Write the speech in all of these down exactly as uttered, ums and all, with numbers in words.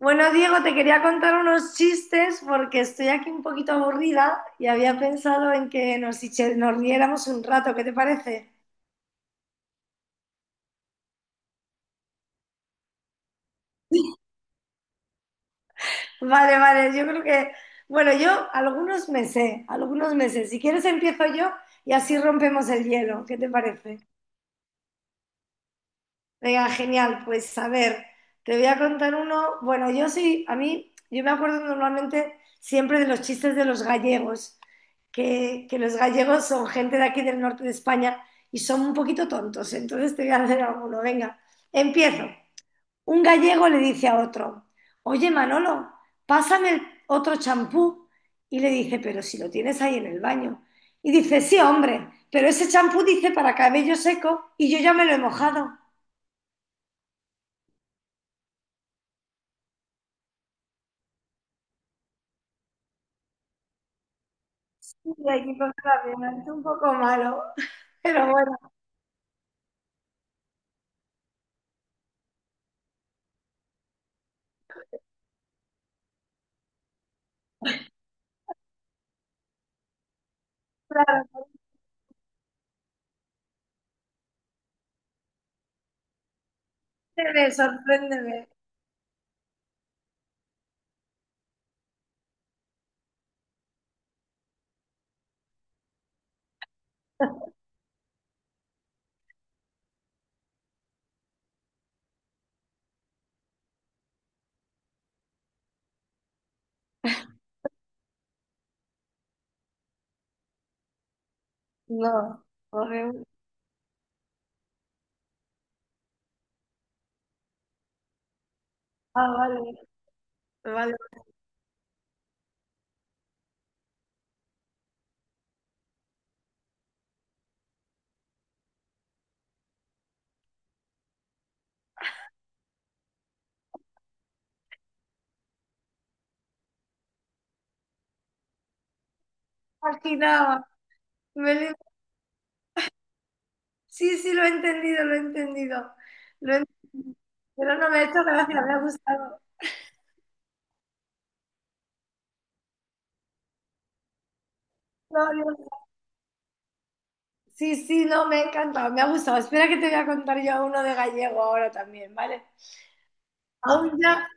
Bueno, Diego, te quería contar unos chistes porque estoy aquí un poquito aburrida y había pensado en que nos, hiche- nos riéramos un rato, ¿qué te parece? Vale, vale, yo creo que, bueno, yo algunos meses, algunos meses. Si quieres empiezo yo y así rompemos el hielo, ¿qué te parece? Venga, genial. Pues a ver, te voy a contar uno. Bueno, yo sí, a mí, yo me acuerdo normalmente siempre de los chistes de los gallegos, que, que los gallegos son gente de aquí del norte de España y son un poquito tontos. Entonces te voy a hacer alguno. Venga, empiezo. Un gallego le dice a otro, oye Manolo, pásame el otro champú. Y le dice, pero si lo tienes ahí en el baño. Y dice, sí, hombre, pero ese champú dice para cabello seco y yo ya me lo he mojado. Y hay que contarlo, es un poco malo, pero bueno, claro, sorpréndeme, sorpréndeme. No, horrible. Ah, vale, vale. Imaginaba. me lo- Sí, sí, lo he entendido, lo he entendido. Lo he entendido. Pero no me ha hecho gracia, me ha gustado. No, no, no. Sí, sí, no, me ha encantado, me ha gustado. Espera que te voy a contar yo uno de gallego ahora también, ¿vale? Aún ya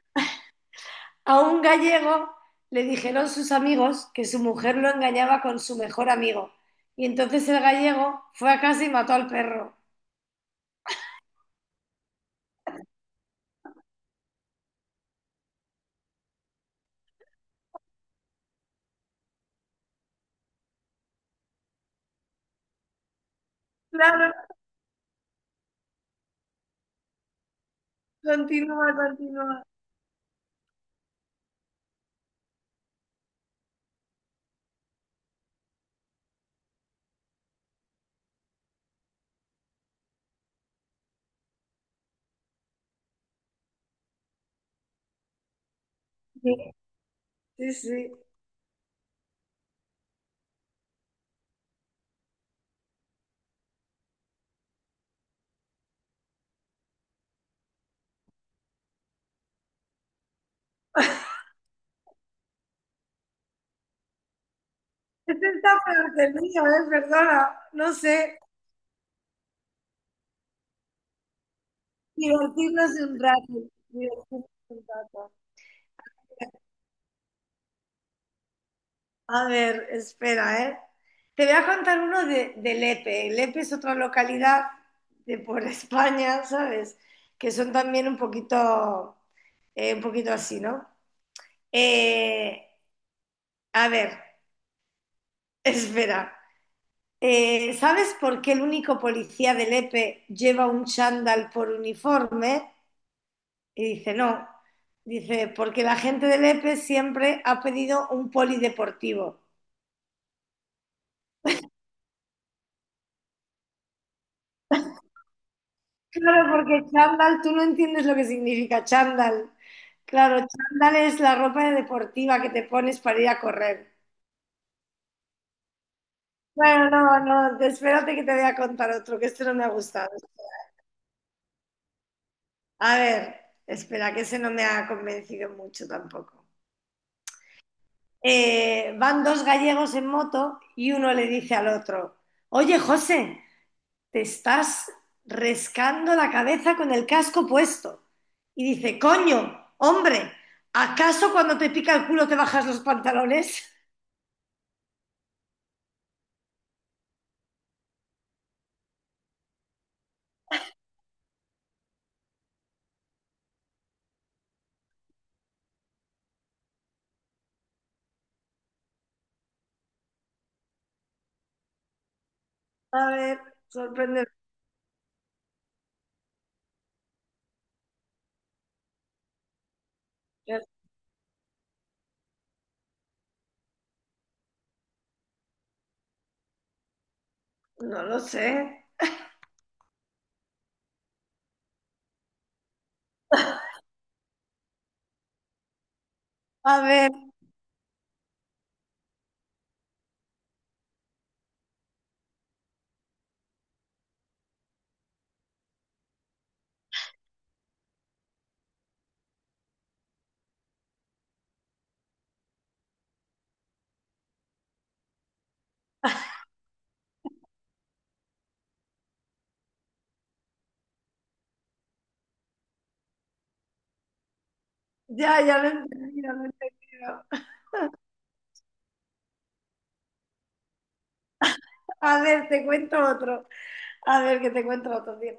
A un gallego le dijeron sus amigos que su mujer lo engañaba con su mejor amigo. Y entonces el gallego fue a casa y mató al perro. Claro, continúa, continúa. Sí, sí, sí. Este está peor que el mío, ¿eh? Perdona, no sé. Divertirnos un rato. Divertirnos un rato. A ver, espera, ¿eh? Te voy a contar uno de, de Lepe. Lepe es otra localidad de por España, ¿sabes? Que son también un poquito, eh, un poquito así, ¿no? Eh, a ver, espera. Eh, ¿sabes por qué el único policía de Lepe lleva un chándal por uniforme? Y dice, no. Dice, porque la gente de Lepe siempre ha pedido un polideportivo. Claro, porque chándal, tú no entiendes lo que significa chándal. Claro, chándal es la ropa deportiva que te pones para ir a correr. Bueno, no, no, espérate que te voy a contar otro, que este no me ha gustado. A ver, espera, que ese no me ha convencido mucho tampoco. Eh, van dos gallegos en moto y uno le dice al otro, oye, José, te estás rescando la cabeza con el casco puesto. Y dice, coño, hombre, ¿acaso cuando te pica el culo te bajas los pantalones? A ver, sorprende. No lo sé. A ver, ya, ya lo he entendido, lo he entendido. A ver, te cuento otro. A ver, que te encuentro otro día.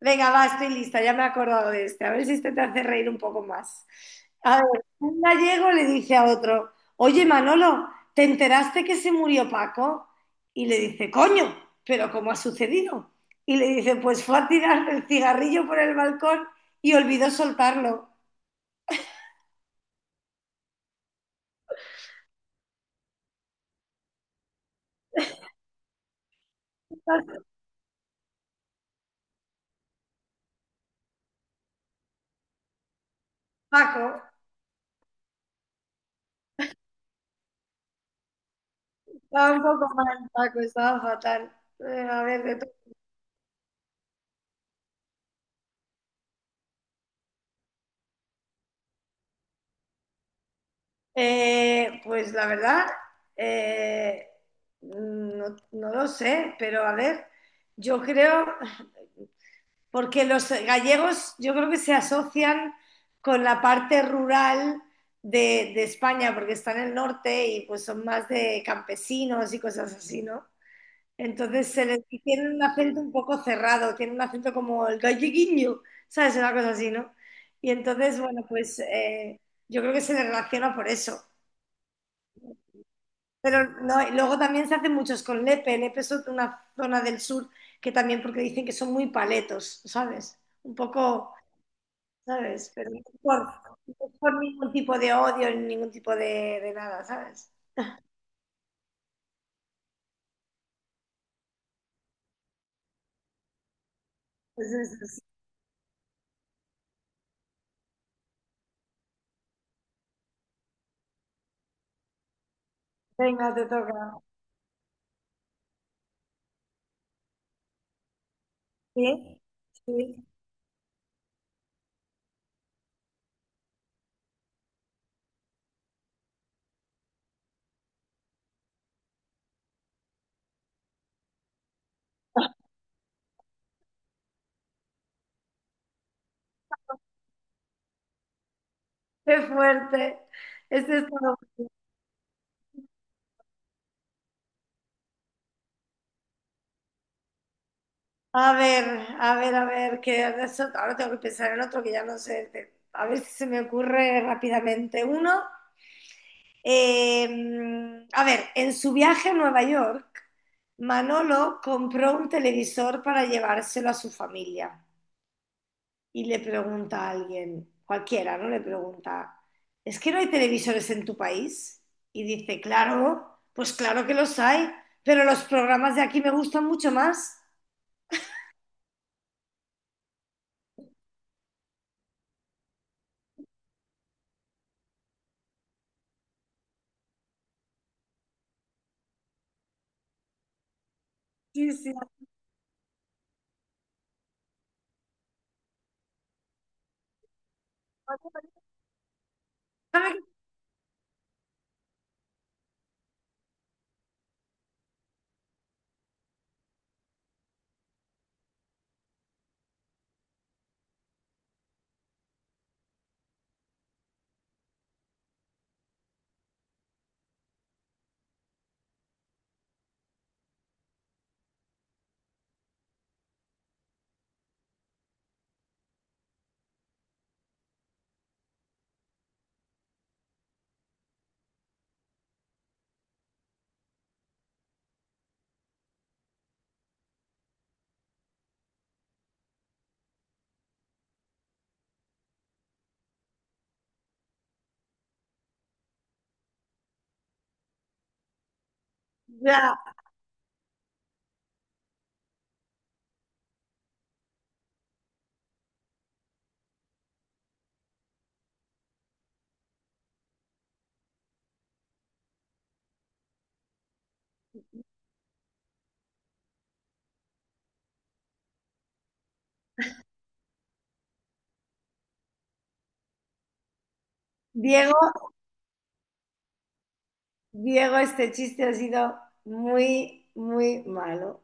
Venga, va, estoy lista, ya me he acordado de este. A ver si este te hace reír un poco más. A ver, un gallego le dice a otro, oye Manolo, ¿te enteraste que se murió Paco? Y le dice, coño, pero ¿cómo ha sucedido? Y le dice, pues fue a tirar el cigarrillo por el balcón y olvidó soltarlo. Paco, estaba un poco mal, Paco, estaba fatal. Eh, A ver, de Eh, pues la verdad, eh, no, no lo sé, pero a ver, yo creo, porque los gallegos yo creo que se asocian con la parte rural de, de España, porque está en el norte y pues son más de campesinos y cosas así, ¿no? Entonces se les y tienen un acento un poco cerrado, tienen un acento como el galleguinho, ¿sabes? Una cosa así, ¿no? Y entonces, bueno, pues eh, yo creo que se les relaciona por eso. Pero no, y luego también se hacen muchos con Lepe. Lepe es otra- una zona del sur que también, porque dicen que son muy paletos, ¿sabes? Un poco, ¿sabes? Pero no es por, no es por ningún tipo de odio ni ningún tipo de, de nada, ¿sabes? Entonces, es- venga, te toca. Sí, sí. Qué fuerte. Este es todo. A ver, a ver, a ver, que ahora so- ahora tengo que pensar en otro que ya no sé. te- A ver si se me ocurre rápidamente uno. Eh, a ver, en su viaje a Nueva York, Manolo compró un televisor para llevárselo a su familia y le pregunta a alguien, cualquiera, ¿no? Le pregunta, ¿es que no hay televisores en tu país? Y dice, claro, pues claro que los hay, pero los programas de aquí me gustan mucho más. Sí, sí. Ya, Diego, Diego, este chiste ha sido muy, muy malo.